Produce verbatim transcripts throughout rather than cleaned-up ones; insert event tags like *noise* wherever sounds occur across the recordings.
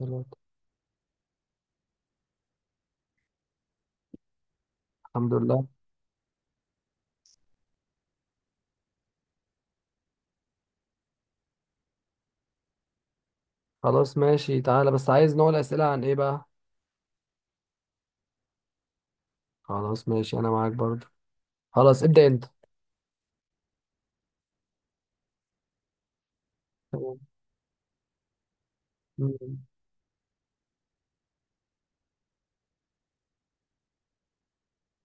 دلوقتي. الحمد لله. خلاص ماشي، تعالى بس عايز نوع الأسئلة عن إيه بقى. خلاص ماشي أنا معاك برضه. خلاص ابدأ أنت. تمام. مم.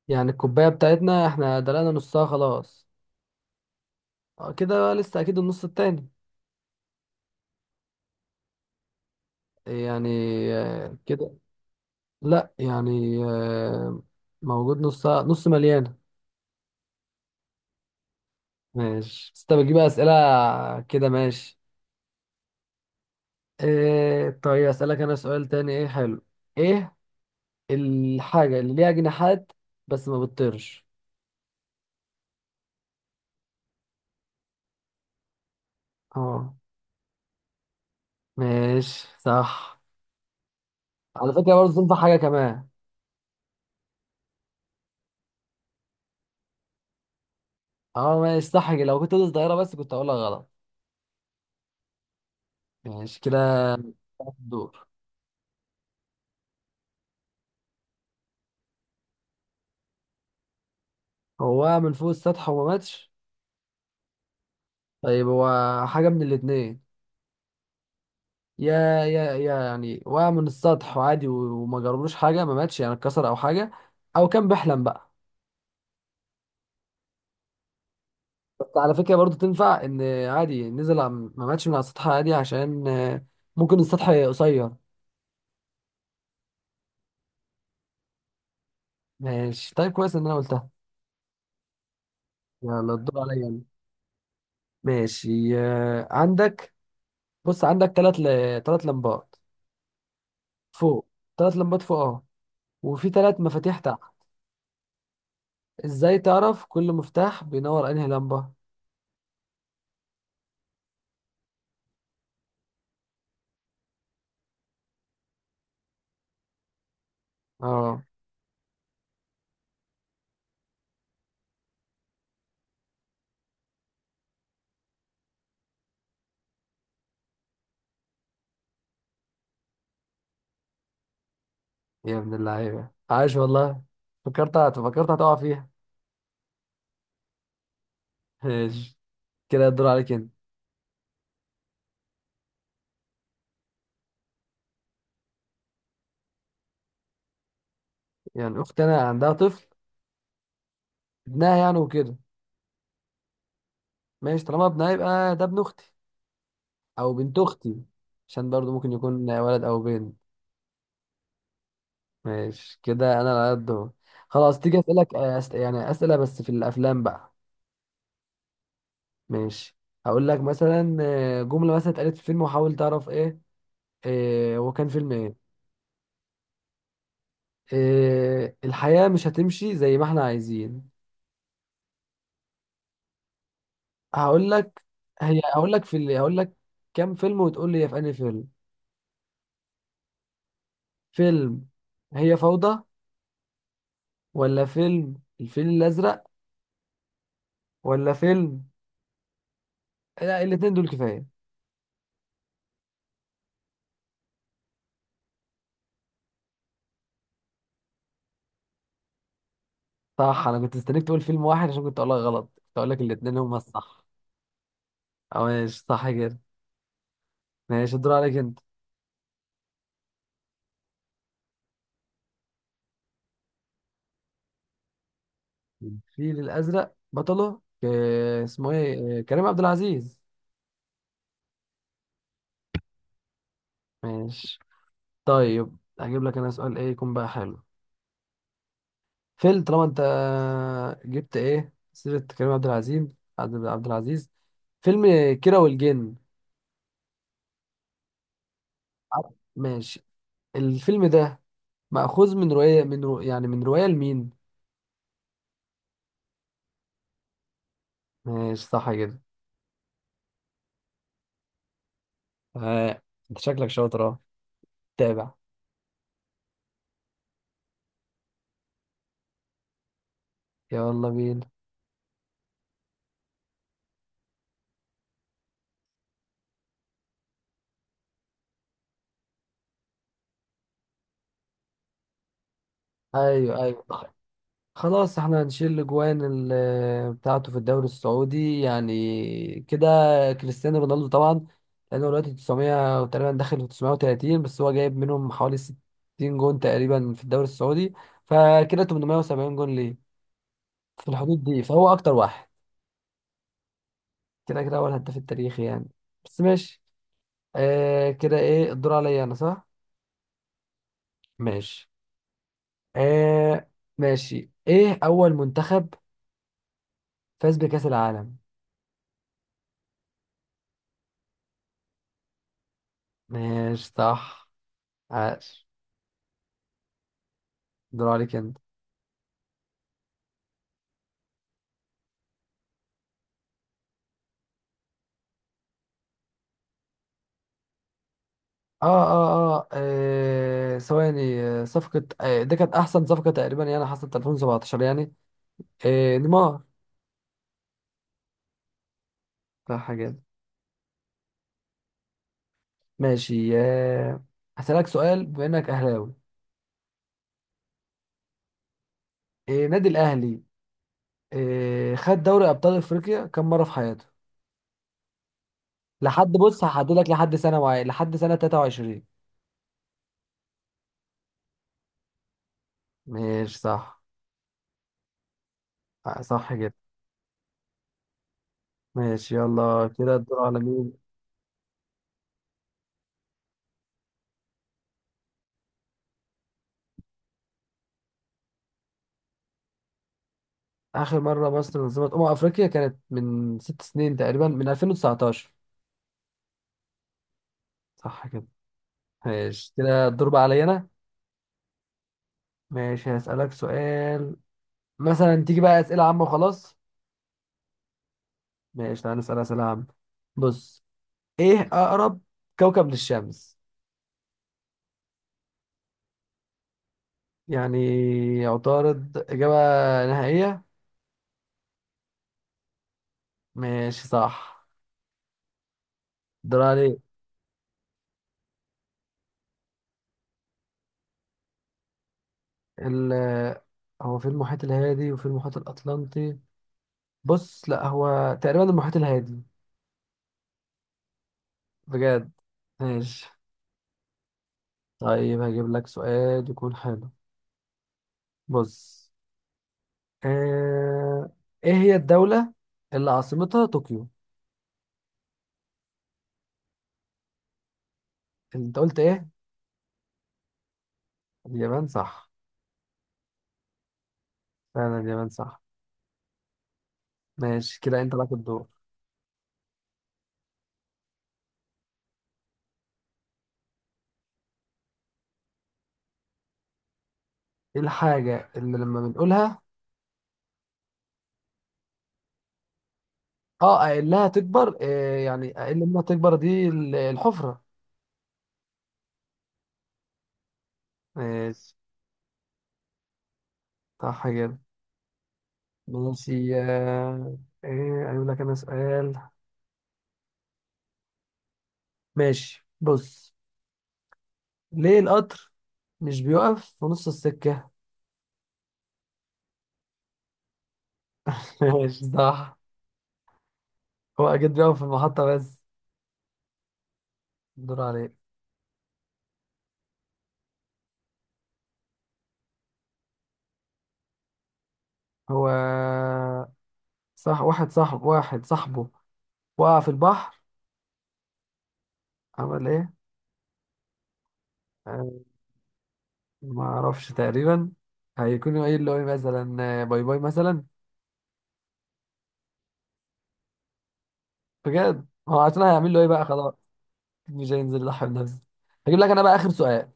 يعني الكوباية بتاعتنا إحنا دلقنا نصها خلاص. آه، كده بقى لسه أكيد النص التاني. يعني آه، كده. لأ يعني آه، موجود نصها، نص مليانة. ماشي بس أنت بتجيب أسئلة كده. ماشي، إيه؟ طيب أسألك أنا سؤال تاني. إيه حلو؟ إيه الحاجة اللي ليها جناحات بس ما بتطيرش؟ اه ماشي صح. على فكرة برضه تنفع حاجة كمان. اه ماشي صح كده. لو كنت قلت الظاهرة بس كنت هقولها غلط. ماشي كده الدور. هو وقع من فوق السطح وما ماتش؟ طيب هو حاجة من الاتنين، يا يا يا يعني وقع من السطح وعادي و- وما جربلوش حاجة، ما ماتش يعني اتكسر أو حاجة، أو كان بيحلم بقى. بس على فكرة برضه تنفع إن عادي، نزل عم- ما ماتش من على السطح عادي، عشان آه، ممكن السطح قصير. ماشي طيب كويس إن أنا قلتها. يلا الدور عليا أنا. ماشي، آه، عندك بص عندك ثلاث ل... ثلاث لمبات فوق ثلاث لمبات فوق اهو، وفي ثلاث مفاتيح تحت. ازاي تعرف كل مفتاح بينور انهي لمبة؟ اه، يا ابن اللعيبة، عاش والله. فكرت هت... فكرت هتقع فيها. ماشي كده الدور عليك انت. يعني اختي انا عندها طفل؟ ابنها يعني وكده. ماشي طالما ابنها يبقى ده ابن اختي او بنت اختي، عشان برضو ممكن يكون ولد او بنت. ماشي كده انا على قد اهو. خلاص تيجي اسالك، آه، أس- يعني اسئله بس في الافلام بقى. ماشي هقول لك مثلا، آه، جمله مثلا اتقالت في فيلم وحاول تعرف ايه، آه، هو كان فيلم ايه. آه، الحياه مش هتمشي زي ما احنا عايزين. هقول لك هي هقول لك في ال- هقول لك كام فيلم وتقول لي هي في انهي فيلم. فيلم هي فوضى، ولا فيلم الفيل الازرق؟ ولا فيلم، لا الاتنين دول كفايه. صح، انا كنت مستنيك تقول فيلم واحد عشان كنت اقول لك غلط، كنت اقول لك الاتنين هما الصح. اه ماشي صح كده. ماشي الدور عليك انت. الفيل الازرق بطله ك- اسمه ايه، آه، كريم عبد العزيز. ماشي. طيب هجيب لك انا سؤال ايه يكون بقى حلو. فيل طالما انت جبت ايه سيرة كريم عبد العزيز، عبد عبد العزيز، فيلم كيرة والجن. عارف؟ ماشي. الفيلم ده مأخوذ من رواية، من رو... يعني من رواية لمين. ماشي صح كده. آه. انت شكلك شاطر، اه، تابع. يلا بينا. ايوه ايوه، خلاص احنا هنشيل الاجوان ال- بتاعته في الدوري السعودي يعني، كده كريستيانو رونالدو طبعا، لانه دلوقتي تسعمية تقريبا، داخل في تسعمائة وثلاثين، بس هو جايب منهم حوالي ستين جون تقريبا في الدوري السعودي، فكده تمنمية وسبعين جون ليه في الحدود دي، فهو اكتر واحد. كده كده اول هداف التاريخي يعني، بس ماشي. آه كده ايه الدور عليا انا، صح؟ ماشي آه ماشي. ايه اول منتخب فاز بكأس العالم؟ ماشي صح. عاش. دور عليك انت. اه اه اه آه، ثواني، آه، صفقة، آه دي كانت أحسن صفقة تقريبا يعني، حصلت ألفين وسبعتاشر يعني. آه نيمار. لا حاجة دي. ماشي، آه هسألك سؤال. بما إنك أهلاوي، آه نادي الأهلي، آه خد دوري أبطال أفريقيا كم مرة في حياته؟ لحد بص هحددلك لحد سنة معينة، لحد سنة تلاتة وعشرين. ماشي صح. آه صح كده. ماشي يلا كده الدور على مين؟ آخر مرة مصر نظمت أمم أفريقيا كانت من ست سنين تقريبا، من ألفين وتسعتاشر. صح كده. ماشي كده الدور بقى عليا انا. ماشي هسألك سؤال، مثلا تيجي بقى أسئلة عامة وخلاص. ماشي تعالى نسأل أسئلة عامة. بص، إيه أقرب كوكب للشمس؟ يعني عطارد إجابة نهائية؟ ماشي صح. دور عليه. ال هو في المحيط الهادي وفي المحيط الأطلنطي. بص لا هو تقريبا المحيط الهادي. بجد؟ ماشي. طيب هجيب لك سؤال يكون حلو. بص، آه... ايه هي الدولة اللي عاصمتها طوكيو؟ انت قلت ايه؟ اليابان صح. فعلا اليابان صح. ماشي كده انت لك الدور. ايه الحاجة اللي لما بنقولها اه اقلها تكبر؟ آه يعني اقل منها تكبر، دي ال- الحفرة. ماشي صح كده. ماشي آه... ايه اقول لك انا سؤال. ماشي بص، ليه القطر مش بيقف في نص السكة؟ *laughs* ماشي صح. هو اكيد بيقف في المحطة بس. دور عليك. هو صح، واحد صاحب واحد صاحبه وقع في البحر عمل ايه؟ آه، ما اعرفش تقريبا، هيكون قايل له ايه مثلا، آه، باي باي مثلا. بجد هو عشان هيعمل له ايه بقى خلاص، مش هينزل يضحي بنفسه. هجيب لك انا بقى اخر سؤال،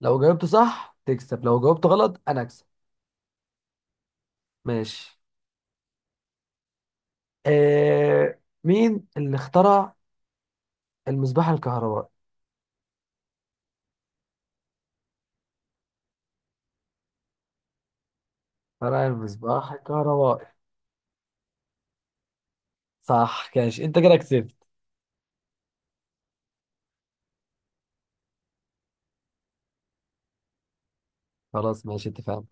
لو جاوبته صح تكسب، لو جاوبته غلط انا اكسب. ماشي. آه مين اللي اخترع المصباح الكهربائي؟ اخترع المصباح الكهربائي. صح كاش. انت كده كسبت. خلاص ماشي اتفقنا.